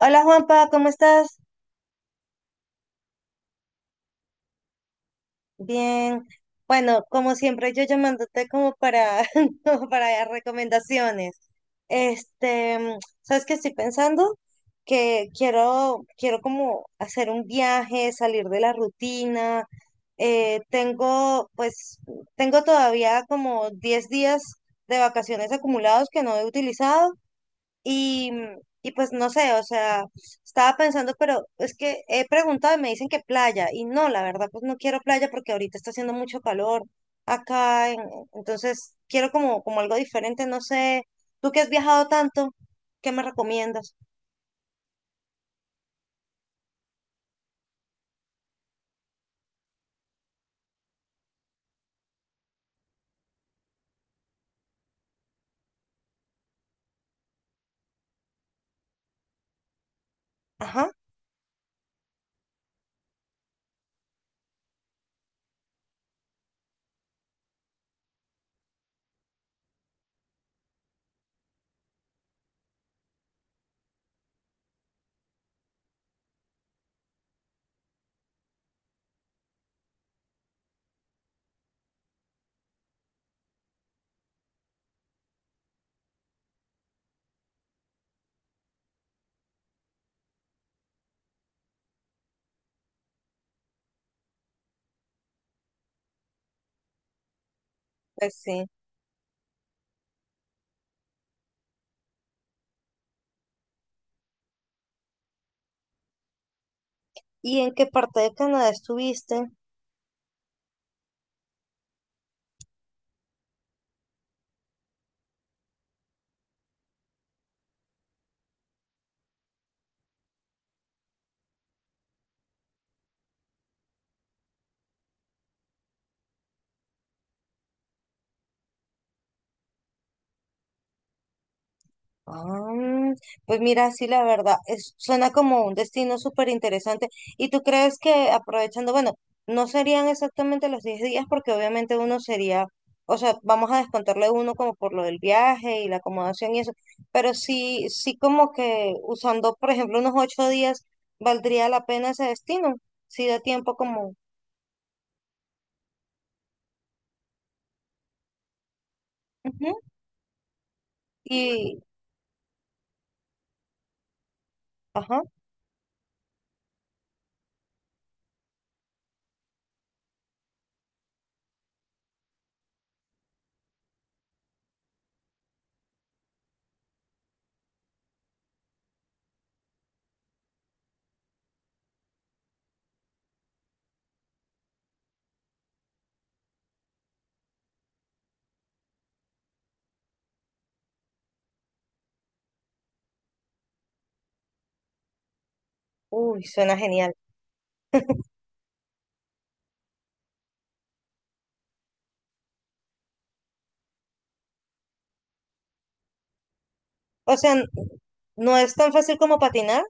Hola Juanpa, ¿cómo estás? Bien. Bueno, como siempre, yo llamándote como para, como para recomendaciones. ¿Sabes qué estoy pensando? Que quiero como hacer un viaje, salir de la rutina. Tengo, pues, tengo todavía como 10 días de vacaciones acumulados que no he utilizado. Y, y pues no sé, o sea, estaba pensando, pero es que he preguntado y me dicen que playa. Y no, la verdad, pues no quiero playa porque ahorita está haciendo mucho calor acá. Entonces quiero como, como algo diferente, no sé. Tú que has viajado tanto, ¿qué me recomiendas? Ajá, pues sí. ¿Y en qué parte de Canadá estuviste? Ah, pues mira, sí, la verdad, es, suena como un destino súper interesante. ¿Y tú crees que aprovechando, bueno, no serían exactamente los 10 días porque obviamente uno sería, o sea, vamos a descontarle uno como por lo del viaje y la acomodación y eso, pero sí, sí como que usando, por ejemplo, unos 8 días, valdría la pena ese destino, si da tiempo como... Ujú. Y, ajá, uy, suena genial. O sea, no es tan fácil como patinar,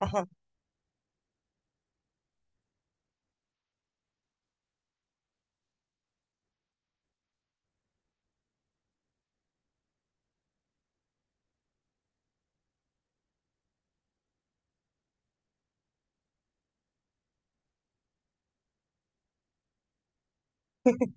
ajá.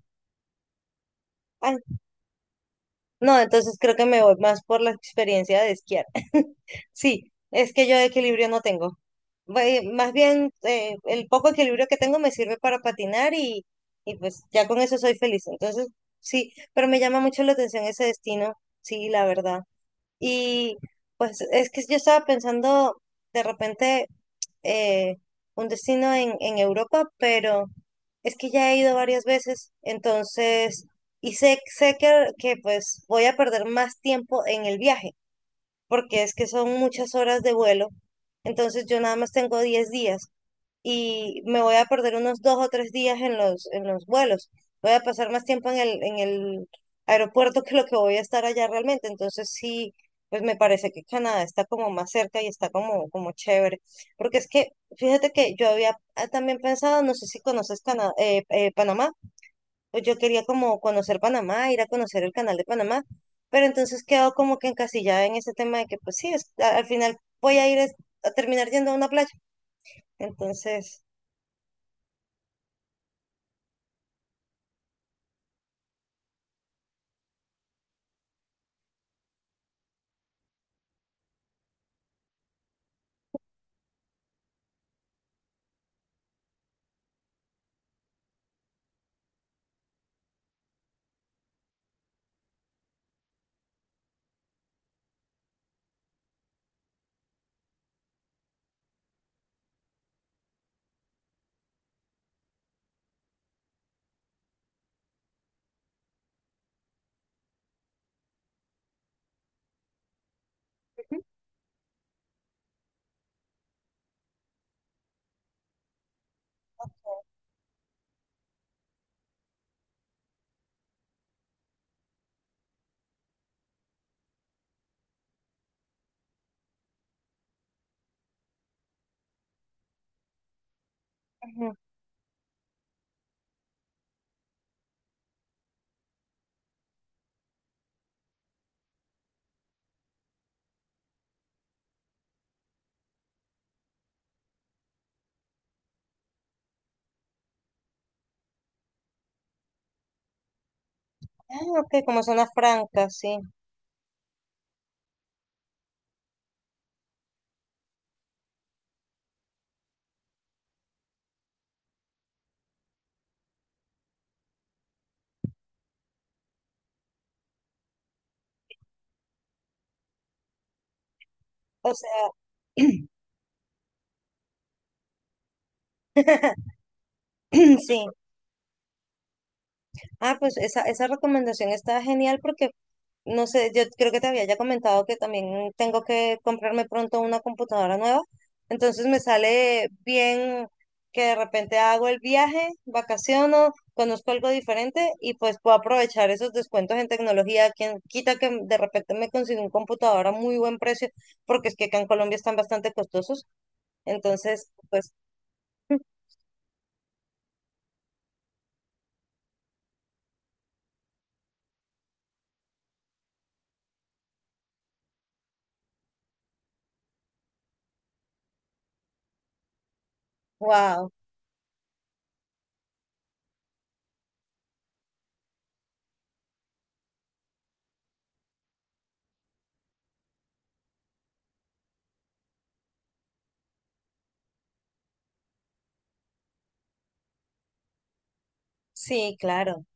No, entonces creo que me voy más por la experiencia de esquiar. Sí, es que yo de equilibrio no tengo. Más bien, el poco equilibrio que tengo me sirve para patinar y pues ya con eso soy feliz. Entonces, sí, pero me llama mucho la atención ese destino, sí, la verdad. Y pues es que yo estaba pensando de repente eh, un destino en Europa, pero es que ya he ido varias veces, entonces, y sé, sé que pues voy a perder más tiempo en el viaje, porque es que son muchas horas de vuelo, entonces yo nada más tengo 10 días y me voy a perder unos dos o tres días en los vuelos. Voy a pasar más tiempo en el aeropuerto que lo que voy a estar allá realmente. Entonces sí, pues me parece que Canadá está como más cerca y está como, como chévere. Porque es que, fíjate que yo había ah, también pensado, no sé si conoces Panamá, pues yo quería como conocer Panamá, ir a conocer el canal de Panamá. Pero entonces quedo como que encasillada en ese tema de que, pues sí, al final voy a ir es- a terminar yendo a una playa. Entonces, ujú. Ah, ok, como zonas francas, sí. O sea, sí. Ah, pues esa recomendación está genial porque, no sé, yo creo que te había ya comentado que también tengo que comprarme pronto una computadora nueva. Entonces me sale bien que de repente hago el viaje, vacaciono, conozco algo diferente y pues puedo aprovechar esos descuentos en tecnología. Quien quita que de repente me consiga un computador a muy buen precio, porque es que acá en Colombia están bastante costosos. Entonces, pues, wow. Sí, claro.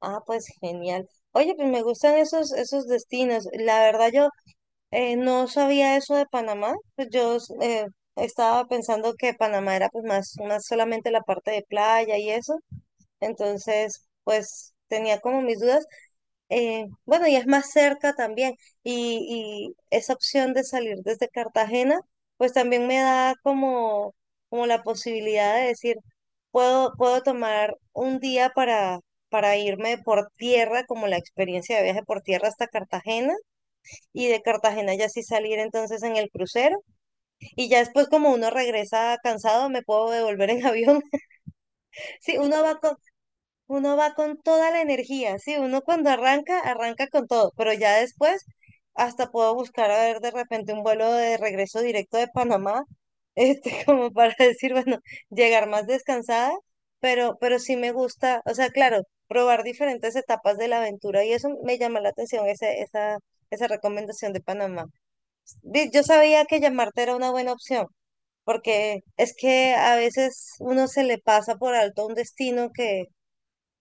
Ah, pues genial. Oye, pues me gustan esos, esos destinos. La verdad, yo no sabía eso de Panamá. Pues yo estaba pensando que Panamá era pues más, más solamente la parte de playa y eso. Entonces, pues tenía como mis dudas. Bueno, y es más cerca también. Y esa opción de salir desde Cartagena, pues también me da como, como la posibilidad de decir, puedo, puedo tomar un día para irme por tierra, como la experiencia de viaje por tierra hasta Cartagena, y de Cartagena ya sí salir entonces en el crucero. Y ya después, como uno regresa cansado, me puedo devolver en avión. Sí, uno va con toda la energía, sí, uno cuando arranca, arranca con todo, pero ya después hasta puedo buscar a ver de repente un vuelo de regreso directo de Panamá, como para decir, bueno, llegar más descansada, pero sí me gusta, o sea, claro, probar diferentes etapas de la aventura y eso me llama la atención, ese, esa recomendación de Panamá. Yo sabía que llamarte era una buena opción. Porque es que a veces uno se le pasa por alto un destino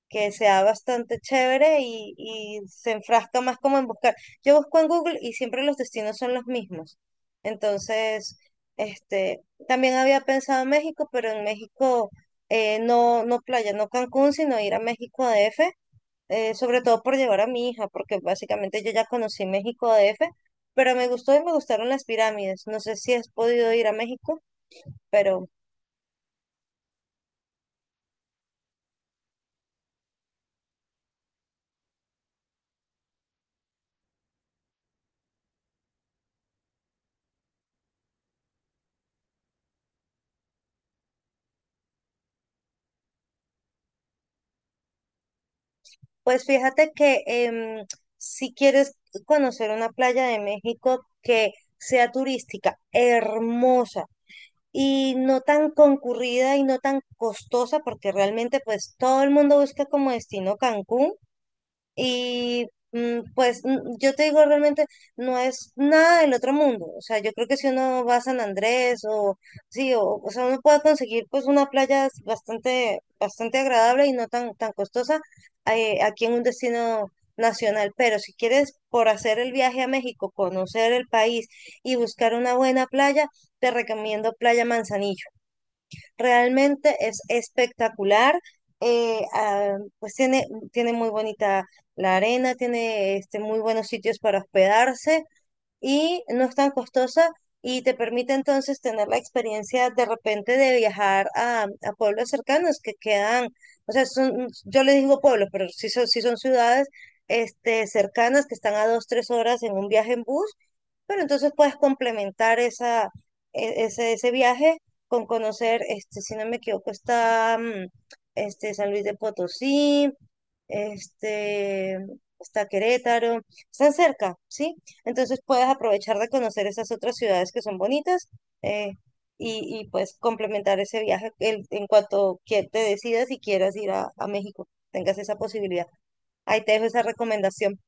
que sea bastante chévere y se enfrasca más como en buscar. Yo busco en Google y siempre los destinos son los mismos. Entonces, este, también había pensado en México, pero en México no, no playa, no Cancún, sino ir a México DF, sobre todo por llevar a mi hija, porque básicamente yo ya conocí México DF, pero me gustó y me gustaron las pirámides. No sé si has podido ir a México, pero pues fíjate que si quieres conocer una playa de México que sea turística, hermosa y no tan concurrida y no tan costosa, porque realmente pues todo el mundo busca como destino Cancún. Y yo te digo realmente, no es nada del otro mundo. O sea, yo creo que si uno va a San Andrés o sí, o sea, uno puede conseguir pues una playa bastante, bastante agradable y no tan, tan costosa aquí en un destino nacional. Pero si quieres por hacer el viaje a México, conocer el país y buscar una buena playa, te recomiendo Playa Manzanillo. Realmente es espectacular. Pues tiene, tiene muy bonita la arena, tiene este, muy buenos sitios para hospedarse y no es tan costosa y te permite entonces tener la experiencia de repente de viajar a pueblos cercanos que quedan, o sea, son, yo les digo pueblos, pero sí son ciudades este, cercanas que están a dos, tres horas en un viaje en bus, pero entonces puedes complementar esa, ese, ese viaje con conocer, este, si no me equivoco, está este, San Luis de Potosí, este, está Querétaro, están cerca, ¿sí? Entonces puedes aprovechar de conocer esas otras ciudades que son bonitas eh, y pues complementar ese viaje en cuanto que te decidas y quieras ir a México, tengas esa posibilidad. Ahí te dejo esa recomendación.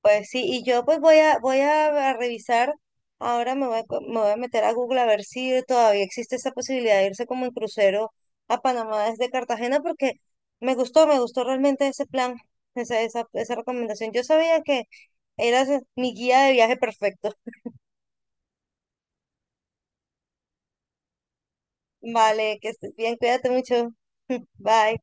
Pues sí, y yo pues voy a, voy a revisar, ahora me voy a, me voy a meter a Google a ver si todavía existe esa posibilidad de irse como en crucero a Panamá desde Cartagena, porque me gustó realmente ese plan, esa recomendación. Yo sabía que eras mi guía de viaje perfecto. Vale, que estés bien, cuídate mucho. Bye.